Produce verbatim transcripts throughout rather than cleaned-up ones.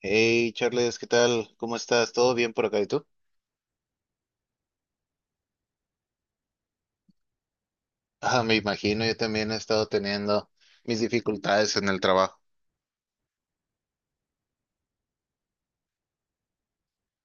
Hey, Charles, ¿qué tal? ¿Cómo estás? ¿Todo bien por acá y tú? Ah, me imagino, yo también he estado teniendo mis dificultades en el trabajo.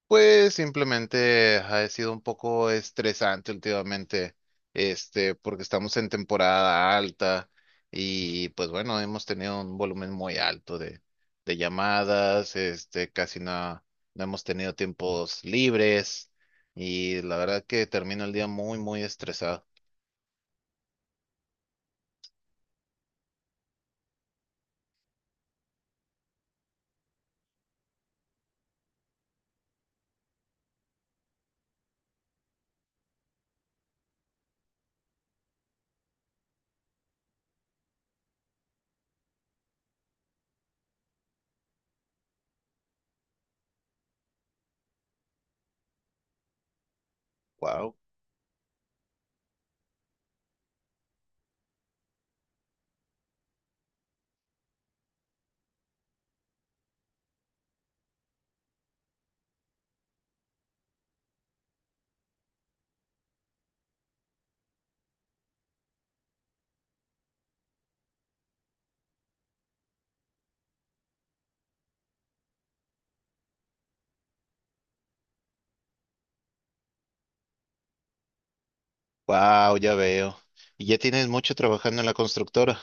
Pues simplemente ha sido un poco estresante últimamente, este, porque estamos en temporada alta y pues bueno, hemos tenido un volumen muy alto de, de llamadas, este, casi no, no hemos tenido tiempos libres y la verdad que termino el día muy, muy estresado. Wow. Wow, ya veo. Y ya tienes mucho trabajando en la constructora.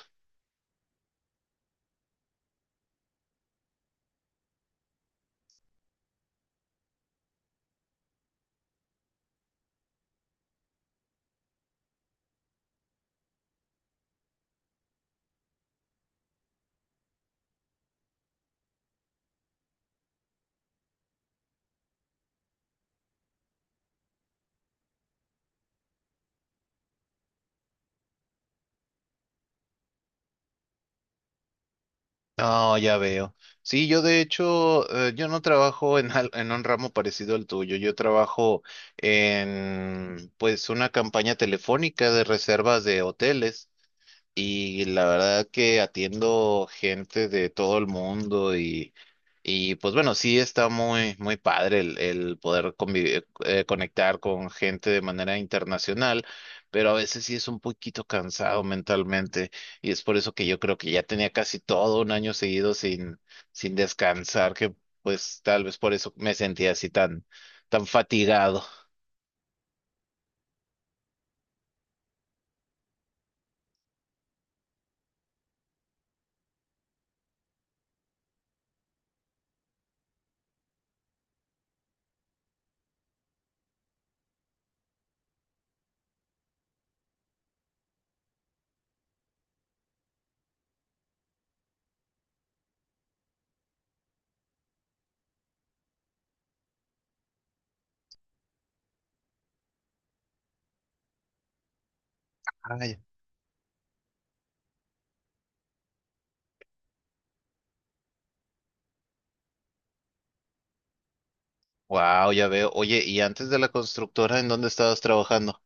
No, ya veo. Sí, yo de hecho, eh, yo no trabajo en, al- en un ramo parecido al tuyo. Yo trabajo en, pues, una campaña telefónica de reservas de hoteles. Y la verdad que atiendo gente de todo el mundo y, y pues bueno, sí está muy, muy padre el, el poder convivir- eh, conectar con gente de manera internacional, pero a veces sí es un poquito cansado mentalmente y es por eso que yo creo que ya tenía casi todo un año seguido sin, sin descansar, que pues tal vez por eso me sentía así tan, tan fatigado. Ay, wow, ya veo. Oye, ¿y antes de la constructora, en dónde estabas trabajando?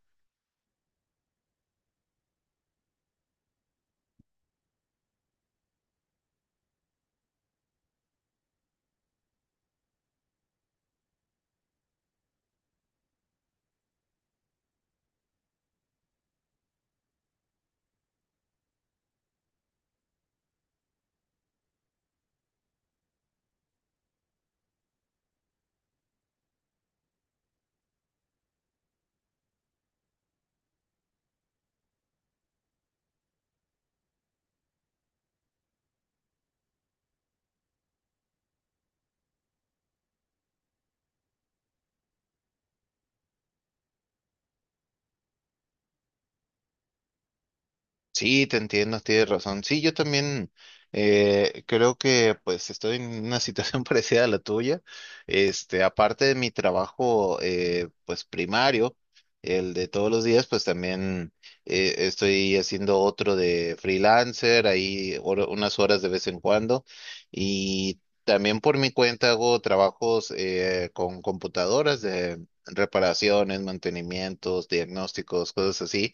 Sí, te entiendo, tienes razón. Sí, yo también eh, creo que pues estoy en una situación parecida a la tuya. Este, aparte de mi trabajo eh, pues primario, el de todos los días, pues también eh, estoy haciendo otro de freelancer, ahí hor- unas horas de vez en cuando. Y también por mi cuenta hago trabajos eh, con computadoras de reparaciones, mantenimientos, diagnósticos, cosas así.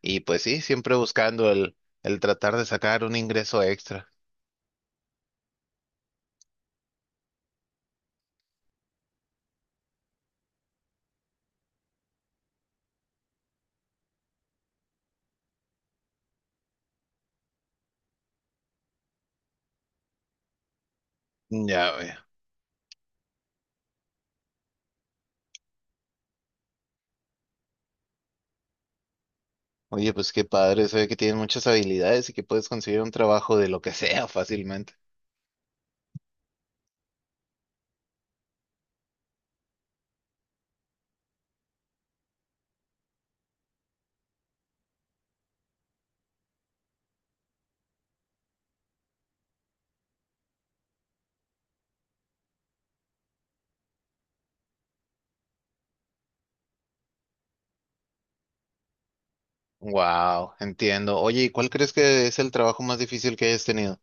Y pues sí, siempre buscando el, el tratar de sacar un ingreso extra. Ya veo. Oye, pues qué padre, se ve que tienes muchas habilidades y que puedes conseguir un trabajo de lo que sea fácilmente. Wow, entiendo. Oye, ¿y cuál crees que es el trabajo más difícil que hayas tenido?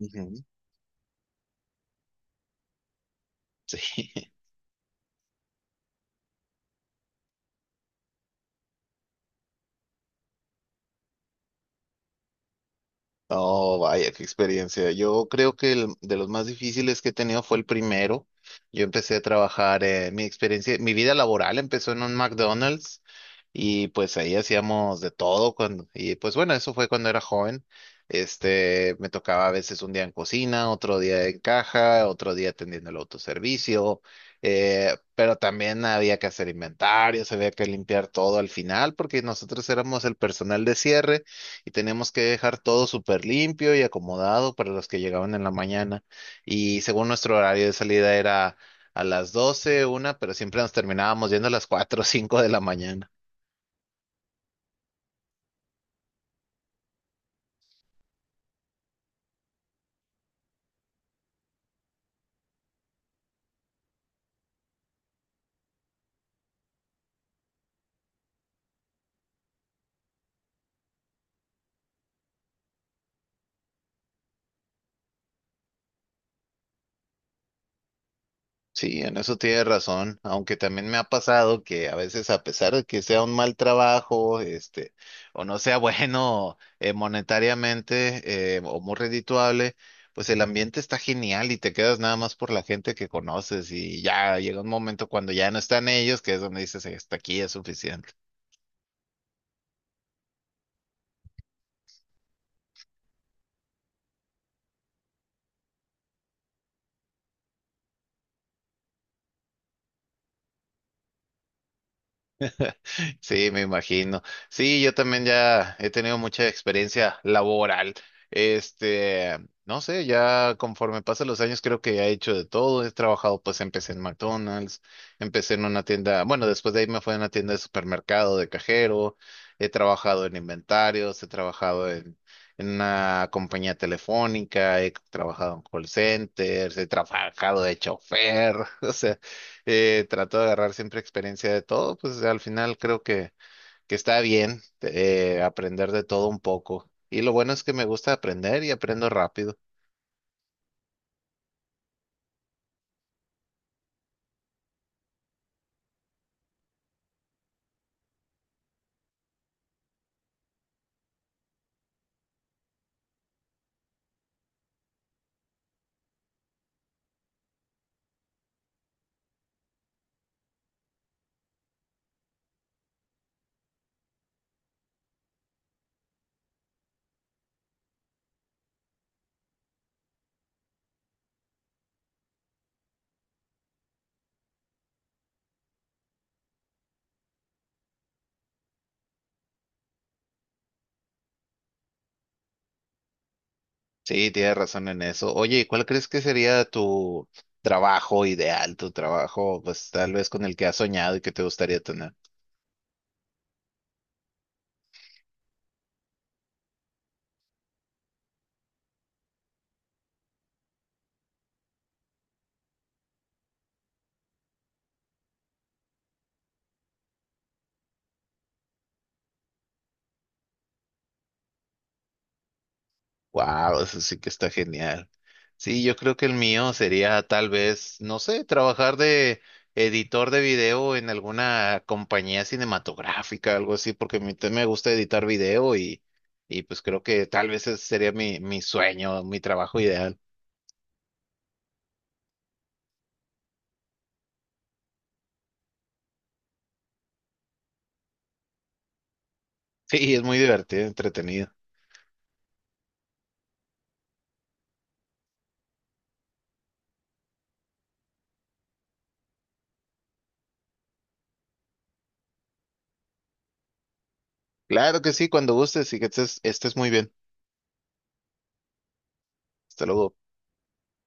Ujú, sí. Oh, vaya, qué experiencia. Yo creo que el de los más difíciles que he tenido fue el primero. Yo empecé a trabajar, eh, mi experiencia, mi vida laboral empezó en un McDonald's y pues ahí hacíamos de todo cuando, y pues bueno, eso fue cuando era joven. Este, me tocaba a veces un día en cocina, otro día en caja, otro día atendiendo el autoservicio, eh, pero también había que hacer inventarios, había que limpiar todo al final porque nosotros éramos el personal de cierre y teníamos que dejar todo súper limpio y acomodado para los que llegaban en la mañana. Y según nuestro horario de salida era a las doce una, pero siempre nos terminábamos yendo a las cuatro o cinco de la mañana. Sí, en eso tienes razón, aunque también me ha pasado que a veces a pesar de que sea un mal trabajo, este, o no sea bueno eh, monetariamente eh, o muy redituable, pues el ambiente está genial y te quedas nada más por la gente que conoces y ya llega un momento cuando ya no están ellos, que es donde dices, hasta aquí es suficiente. Sí, me imagino. Sí, yo también ya he tenido mucha experiencia laboral. Este, no sé, ya conforme pasan los años creo que ya he hecho de todo. He trabajado, pues empecé en McDonald's, empecé en una tienda, bueno, después de ahí me fue a una tienda de supermercado de cajero, he trabajado en inventarios, he trabajado en, en una compañía telefónica, he trabajado en call centers, he trabajado de chofer, o sea. Eh, trato de agarrar siempre experiencia de todo, pues al final creo que, que está bien eh, aprender de todo un poco. Y lo bueno es que me gusta aprender y aprendo rápido. Sí, tienes razón en eso. Oye, ¿y cuál crees que sería tu trabajo ideal, tu trabajo, pues tal vez con el que has soñado y que te gustaría tener? Wow, eso sí que está genial. Sí, yo creo que el mío sería tal vez, no sé, trabajar de editor de video en alguna compañía cinematográfica, algo así, porque a mí también me gusta editar video y, y pues creo que tal vez ese sería mi, mi sueño, mi trabajo ideal. Sí, es muy divertido, entretenido. Claro que sí, cuando gustes y que estés, estés muy bien. Hasta luego.